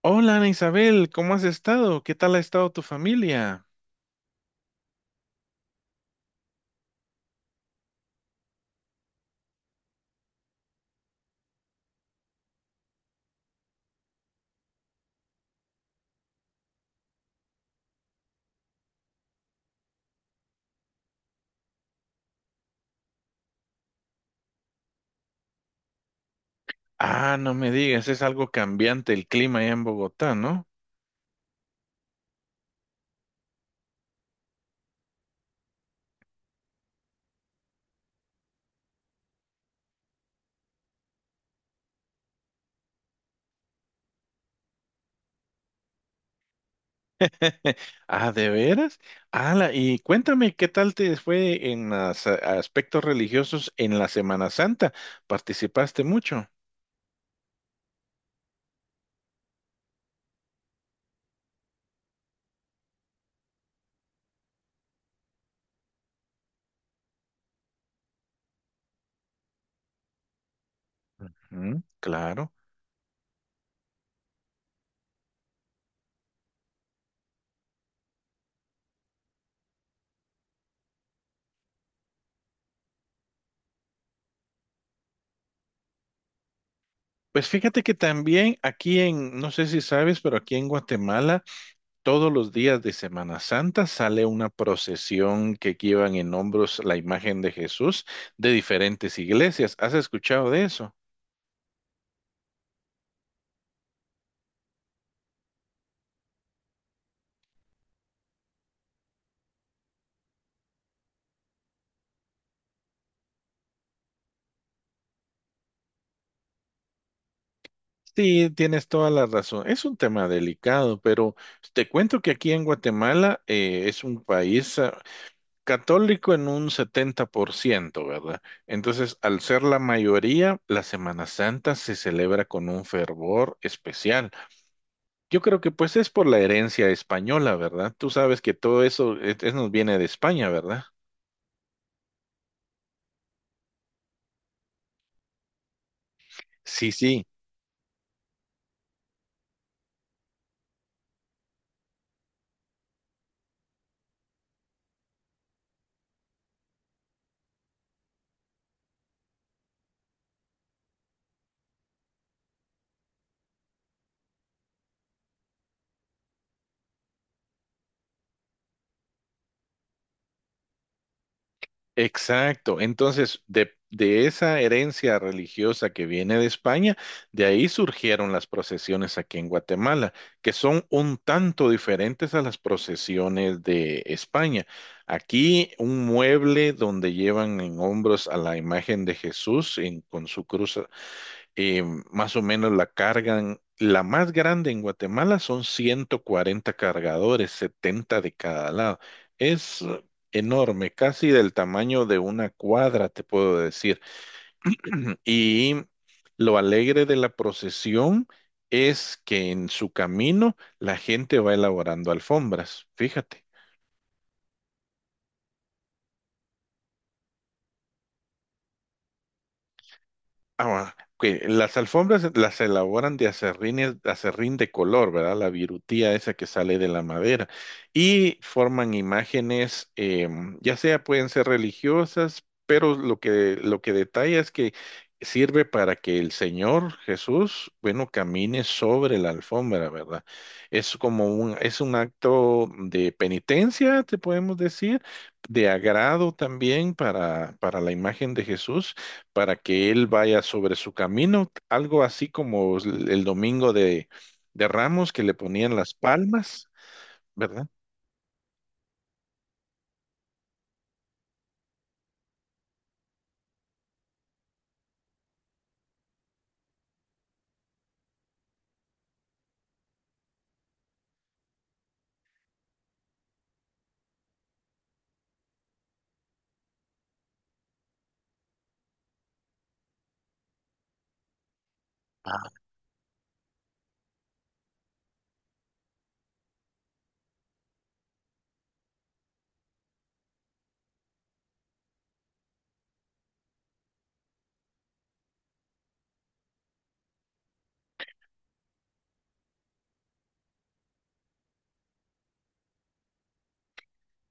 Hola, Ana Isabel, ¿cómo has estado? ¿Qué tal ha estado tu familia? Ah, no me digas, es algo cambiante el clima allá en Bogotá, ¿no? Ah, ¿de veras? Ala, y cuéntame, ¿qué tal te fue en las, aspectos religiosos en la Semana Santa? ¿Participaste mucho? Mm, claro. Pues fíjate que también aquí en, no sé si sabes, pero aquí en Guatemala todos los días de Semana Santa sale una procesión que llevan en hombros la imagen de Jesús de diferentes iglesias. ¿Has escuchado de eso? Sí, tienes toda la razón. Es un tema delicado, pero te cuento que aquí en Guatemala es un país católico en un 70%, ¿verdad? Entonces, al ser la mayoría, la Semana Santa se celebra con un fervor especial. Yo creo que pues es por la herencia española, ¿verdad? Tú sabes que todo eso nos viene de España, ¿verdad? Sí, sí, exacto. Entonces, de esa herencia religiosa que viene de España, de ahí surgieron las procesiones aquí en Guatemala, que son un tanto diferentes a las procesiones de España. Aquí un mueble donde llevan en hombros a la imagen de Jesús con su cruz eh, más o menos la cargan. La más grande en Guatemala son 140 cargadores, 70 de cada lado. Es enorme, casi del tamaño de una cuadra, te puedo decir. Y lo alegre de la procesión es que en su camino la gente va elaborando alfombras, fíjate. Ah, bueno, ok, las alfombras las elaboran de aserrín, aserrín de color, ¿verdad? La virutía esa que sale de la madera. Y forman imágenes, ya sea pueden ser religiosas, pero lo que detalla es que sirve para que el Señor Jesús, bueno, camine sobre la alfombra, ¿verdad? Es es un acto de penitencia, te podemos decir, de agrado también para la imagen de Jesús para que él vaya sobre su camino, algo así como el de Ramos que le ponían las palmas, ¿verdad?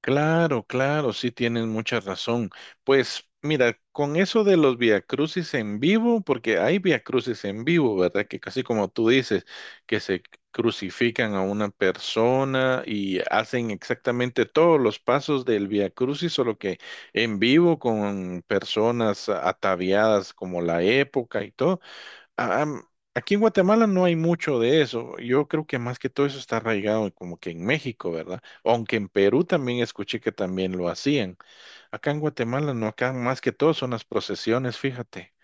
Claro, claro, sí tienes mucha razón. Pues mira, con eso de los viacrucis en vivo, porque hay viacrucis en vivo, ¿verdad? Que casi como tú dices, que se crucifican a una persona y hacen exactamente todos los pasos del viacrucis, solo que en vivo con personas ataviadas como la época y todo a- am- aquí en Guatemala no hay mucho de eso. Yo creo que más que todo eso está arraigado como que en México, ¿verdad? Aunque en Perú también escuché que también lo hacían. Acá en Guatemala no, acá más que todo son las procesiones, fíjate.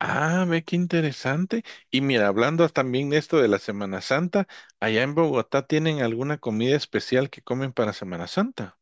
Ah, ve qué interesante. Y mira, hablando también de esto de la Semana Santa, allá en Bogotá tienen alguna comida especial que comen para Semana Santa.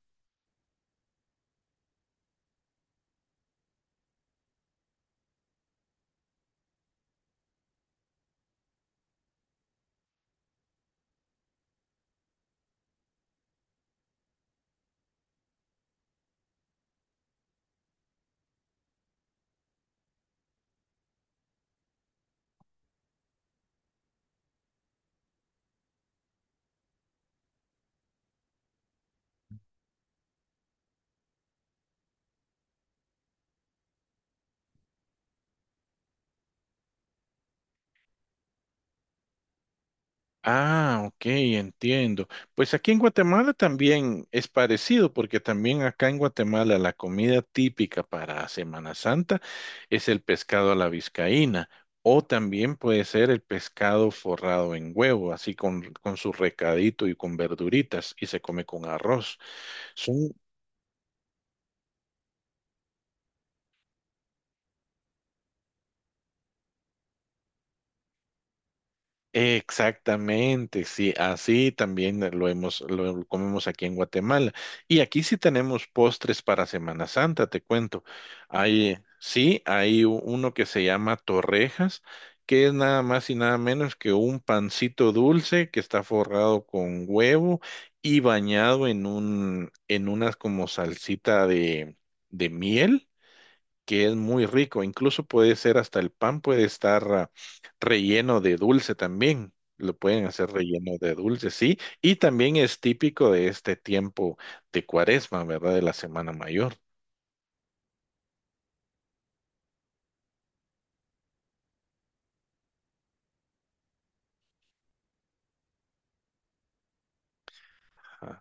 Ah, ok, entiendo. Pues aquí en Guatemala también es parecido, porque también acá en Guatemala la comida típica para Semana Santa es el pescado a la vizcaína, o también puede ser el pescado forrado en huevo, así con su recadito y con verduritas, y se come con arroz. Exactamente, sí, así también lo comemos aquí en Guatemala. Y aquí sí tenemos postres para Semana Santa, te cuento. Hay, sí, hay uno que se llama torrejas, que es nada más y nada menos que un pancito dulce que está forrado con huevo y bañado en un, en unas como salsita de miel que es muy rico. Incluso puede ser hasta el pan puede estar relleno de dulce también. Lo pueden hacer relleno de dulce, sí. Y también es típico de este tiempo de Cuaresma, ¿verdad? De la Semana Mayor. Ajá.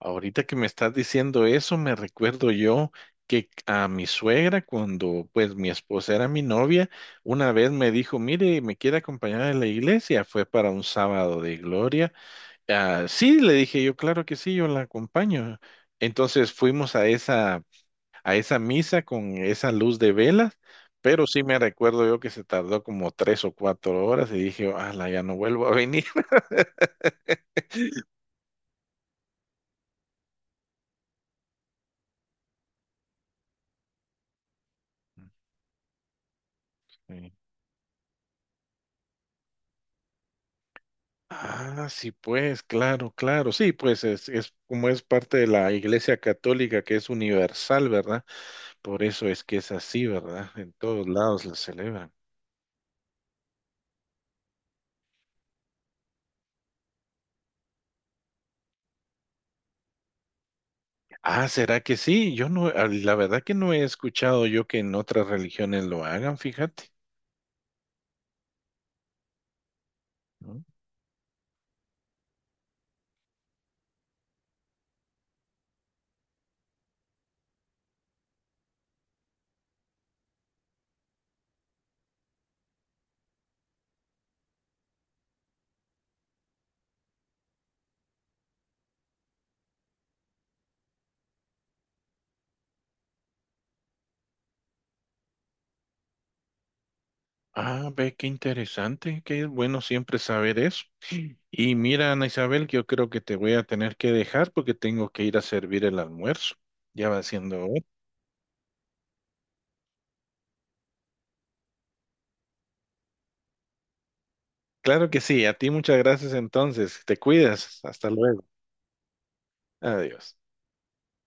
Ahorita que me estás diciendo eso, me recuerdo yo que a mi suegra, cuando pues mi esposa era mi novia, una vez me dijo, mire, me quiere acompañar a la iglesia. Fue para un sábado de gloria. Ah, sí, le dije yo, claro que sí, yo la acompaño. Entonces fuimos a a esa misa con esa luz de velas, pero sí me recuerdo yo que se tardó como 3 o 4 horas y dije, la ya no vuelvo a venir. Sí. Ah, sí, pues, claro, claro, sí, pues es como es parte de la Iglesia Católica que es universal, ¿verdad? Por eso es que es así, ¿verdad? En todos lados la celebran. Ah, ¿será que sí? Yo no, ah, la verdad que no he escuchado yo que en otras religiones lo hagan, fíjate. ¿No? Ah, ve, qué interesante, que es bueno siempre saber eso. Y mira, Ana Isabel, que yo creo que te voy a tener que dejar porque tengo que ir a servir el almuerzo. Ya va siendo hora. Claro que sí, a ti muchas gracias entonces. Te cuidas. Hasta luego. Adiós.